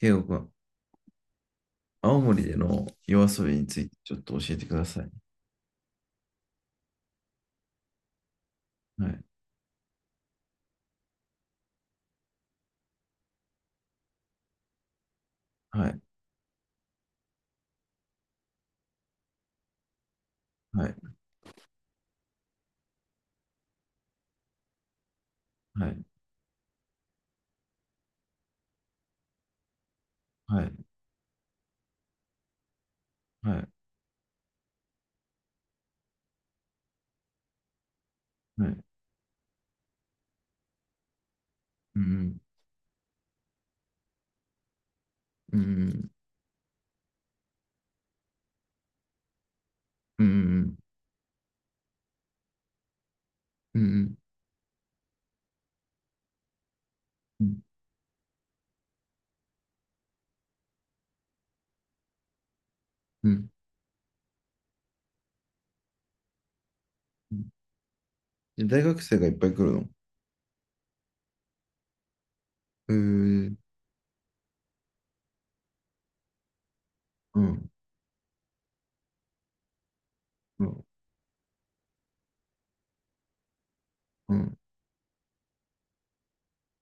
ケイゴくん、青森での夜遊びについてちょっと教えてください。はい、はい、はい、はい、はい、はい、はい。うん、うん、うん、うん、うん、うん、うん。うん。で大学生がいっぱい来るの？へー。うん、うん、うん。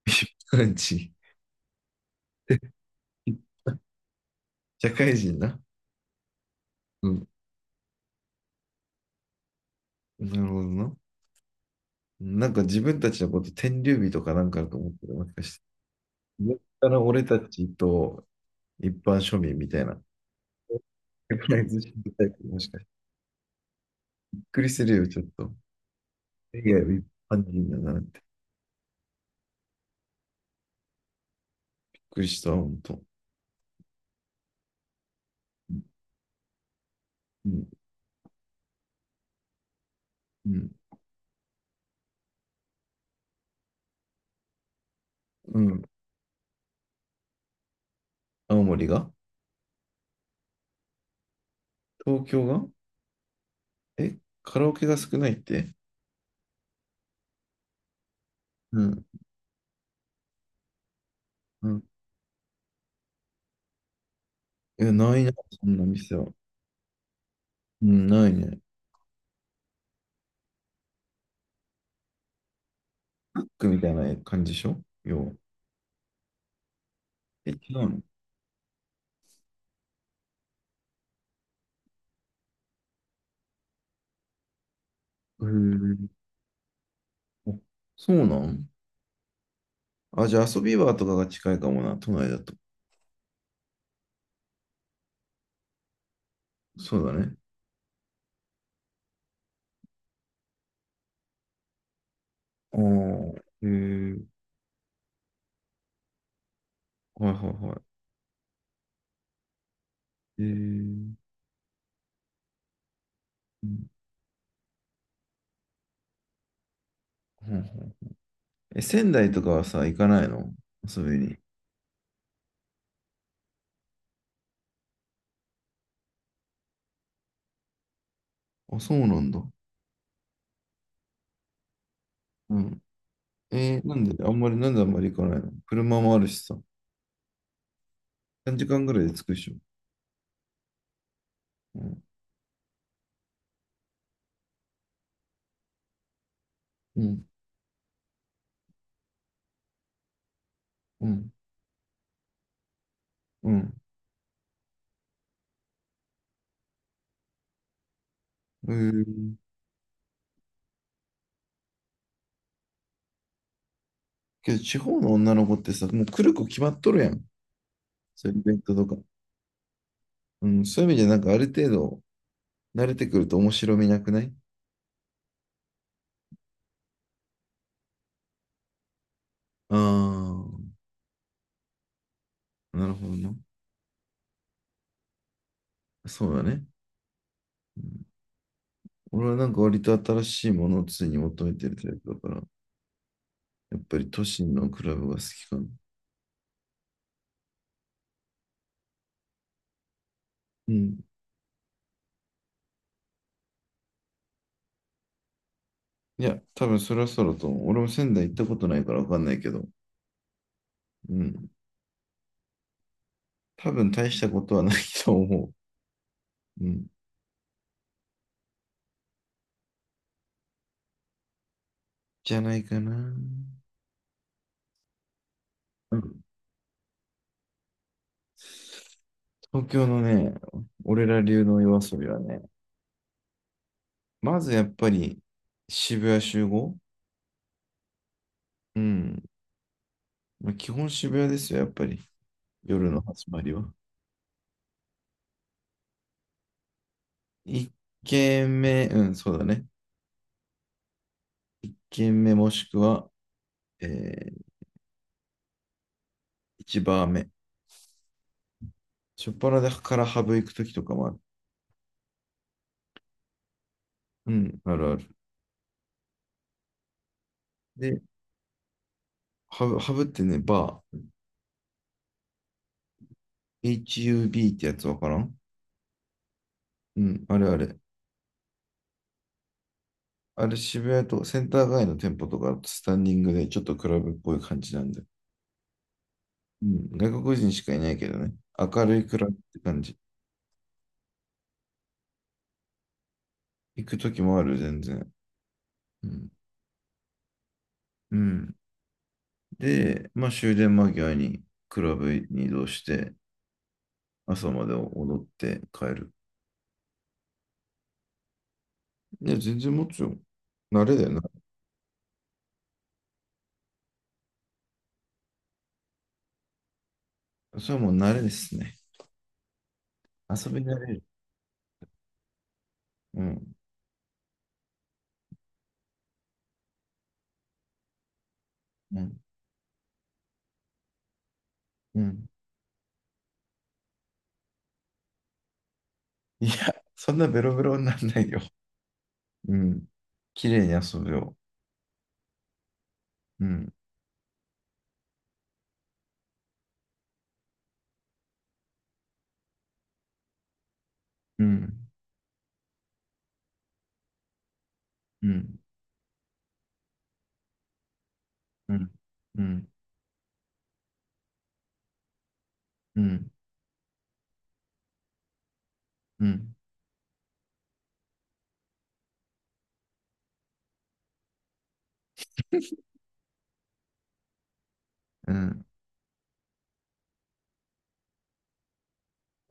一般人。社会人な。うん。なるほどな。なんか自分たちのこと天竜日とかなんかあると思ってる、もしかして。上から俺たちと一般庶民みたいな。サプライズショットタイプ、もしかして。びっくりするよ、ちょっと。いやは一般人だなって。びっくりした、ほんと。うん、うん、うん。青森が？東京が？え、カラオケが少ないって？うん、うん。いや、ないな、そんな店は。うん、ないね。ブックみたいな感じでしょ要は。え、違うの？へえ。あそうなん？あ、じゃあ遊び場とかが近いかもな、都内だと。そうだね。ああ、へえ。はいはいはい。へえ。うんうん。え、仙台とかはさ、行かないの？遊びに。あ、そうなんだ。うん。なんで、あんまり、なんであんまり行かないの？車もあるしさ。3時間ぐらいで着くでしょ。うん。うん。うん。うん。うーけど、地方の女の子ってさ、もう来る子決まっとるやん。そういうイベントとか。うん。そういう意味で、なんかある程度、慣れてくると面白みなくない？ああー、なるほどな。そうだね。うん。俺はなんか割と新しいものを常に求めてるタイプだから、やっぱり都心のクラブが好きかな。うん。いや、多分そろそろと思う、俺も仙台行ったことないからわかんないけど、うん。多分大したことはないと思う。うん。じゃないかな。うん。東京のね、俺ら流の夜遊びはね、まずやっぱり渋谷集合。うん。まあ、基本渋谷ですよ、やっぱり。夜の始まりは。一軒目、うん、そうだね。一軒目もしくは、えー、一バー目。初っ端からハブ行くときとかもある。うん、あるある。で、ハブってね、バー。HUB ってやつわからん。うん、あれあれ。あれ渋谷とセンター街の店舗とかスタンディングでちょっとクラブっぽい感じなんで。うん、外国人しかいないけどね。明るいクラブって感じ。行く時もある、全然。うん。うん。で、まあ終電間際にクラブに移動して、朝まで踊って帰る。いや、全然持つよ。慣れだよな。それはもう慣れですね。遊び慣れる。うん。うん。うん。いや、そんなベロベロにならないよ。うん。綺麗に遊ぶよ。うん。うん。うん。うん。うん。うん。うん。うん。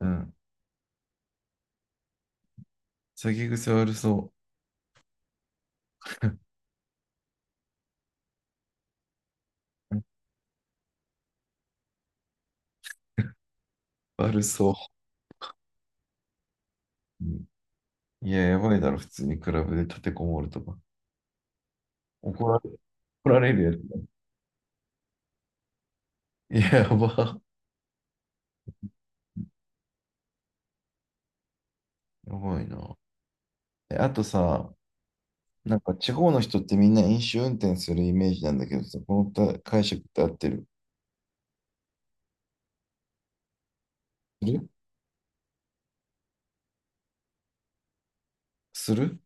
うん。酒癖悪そう。悪そう。うん。いや、やばいだろ、普通にクラブで立てこもるとか。怒られ、怒られるやつ。いや、やば。やばいな。え、あとさ、なんか地方の人ってみんな飲酒運転するイメージなんだけどさ、このた解釈って合ってる？するする。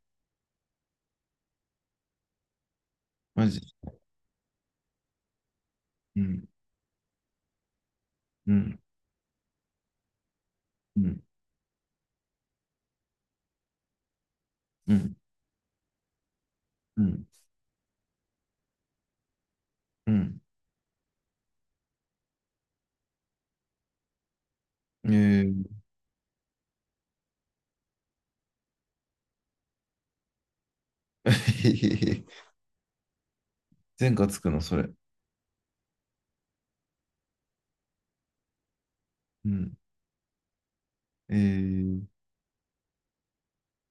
マジ？うん。うん。うん。うん。うん。うん。えー、前科つくの、それ？うん。えー、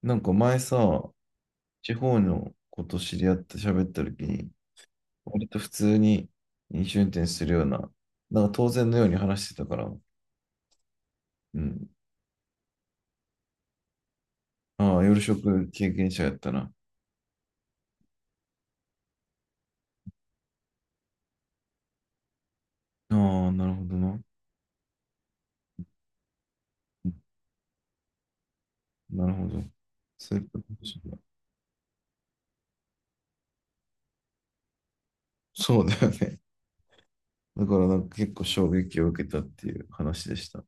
なんか前さ、地方のこと知り合って喋った時に、割と普通に飲酒運転するような、なんか当然のように話してたから、うん。ああ、夜食経験者やったな。ああ、なるほどな。うん。なるほど。そういうことでしょうね。そうだよね。だからなんか結構衝撃を受けたっていう話でした。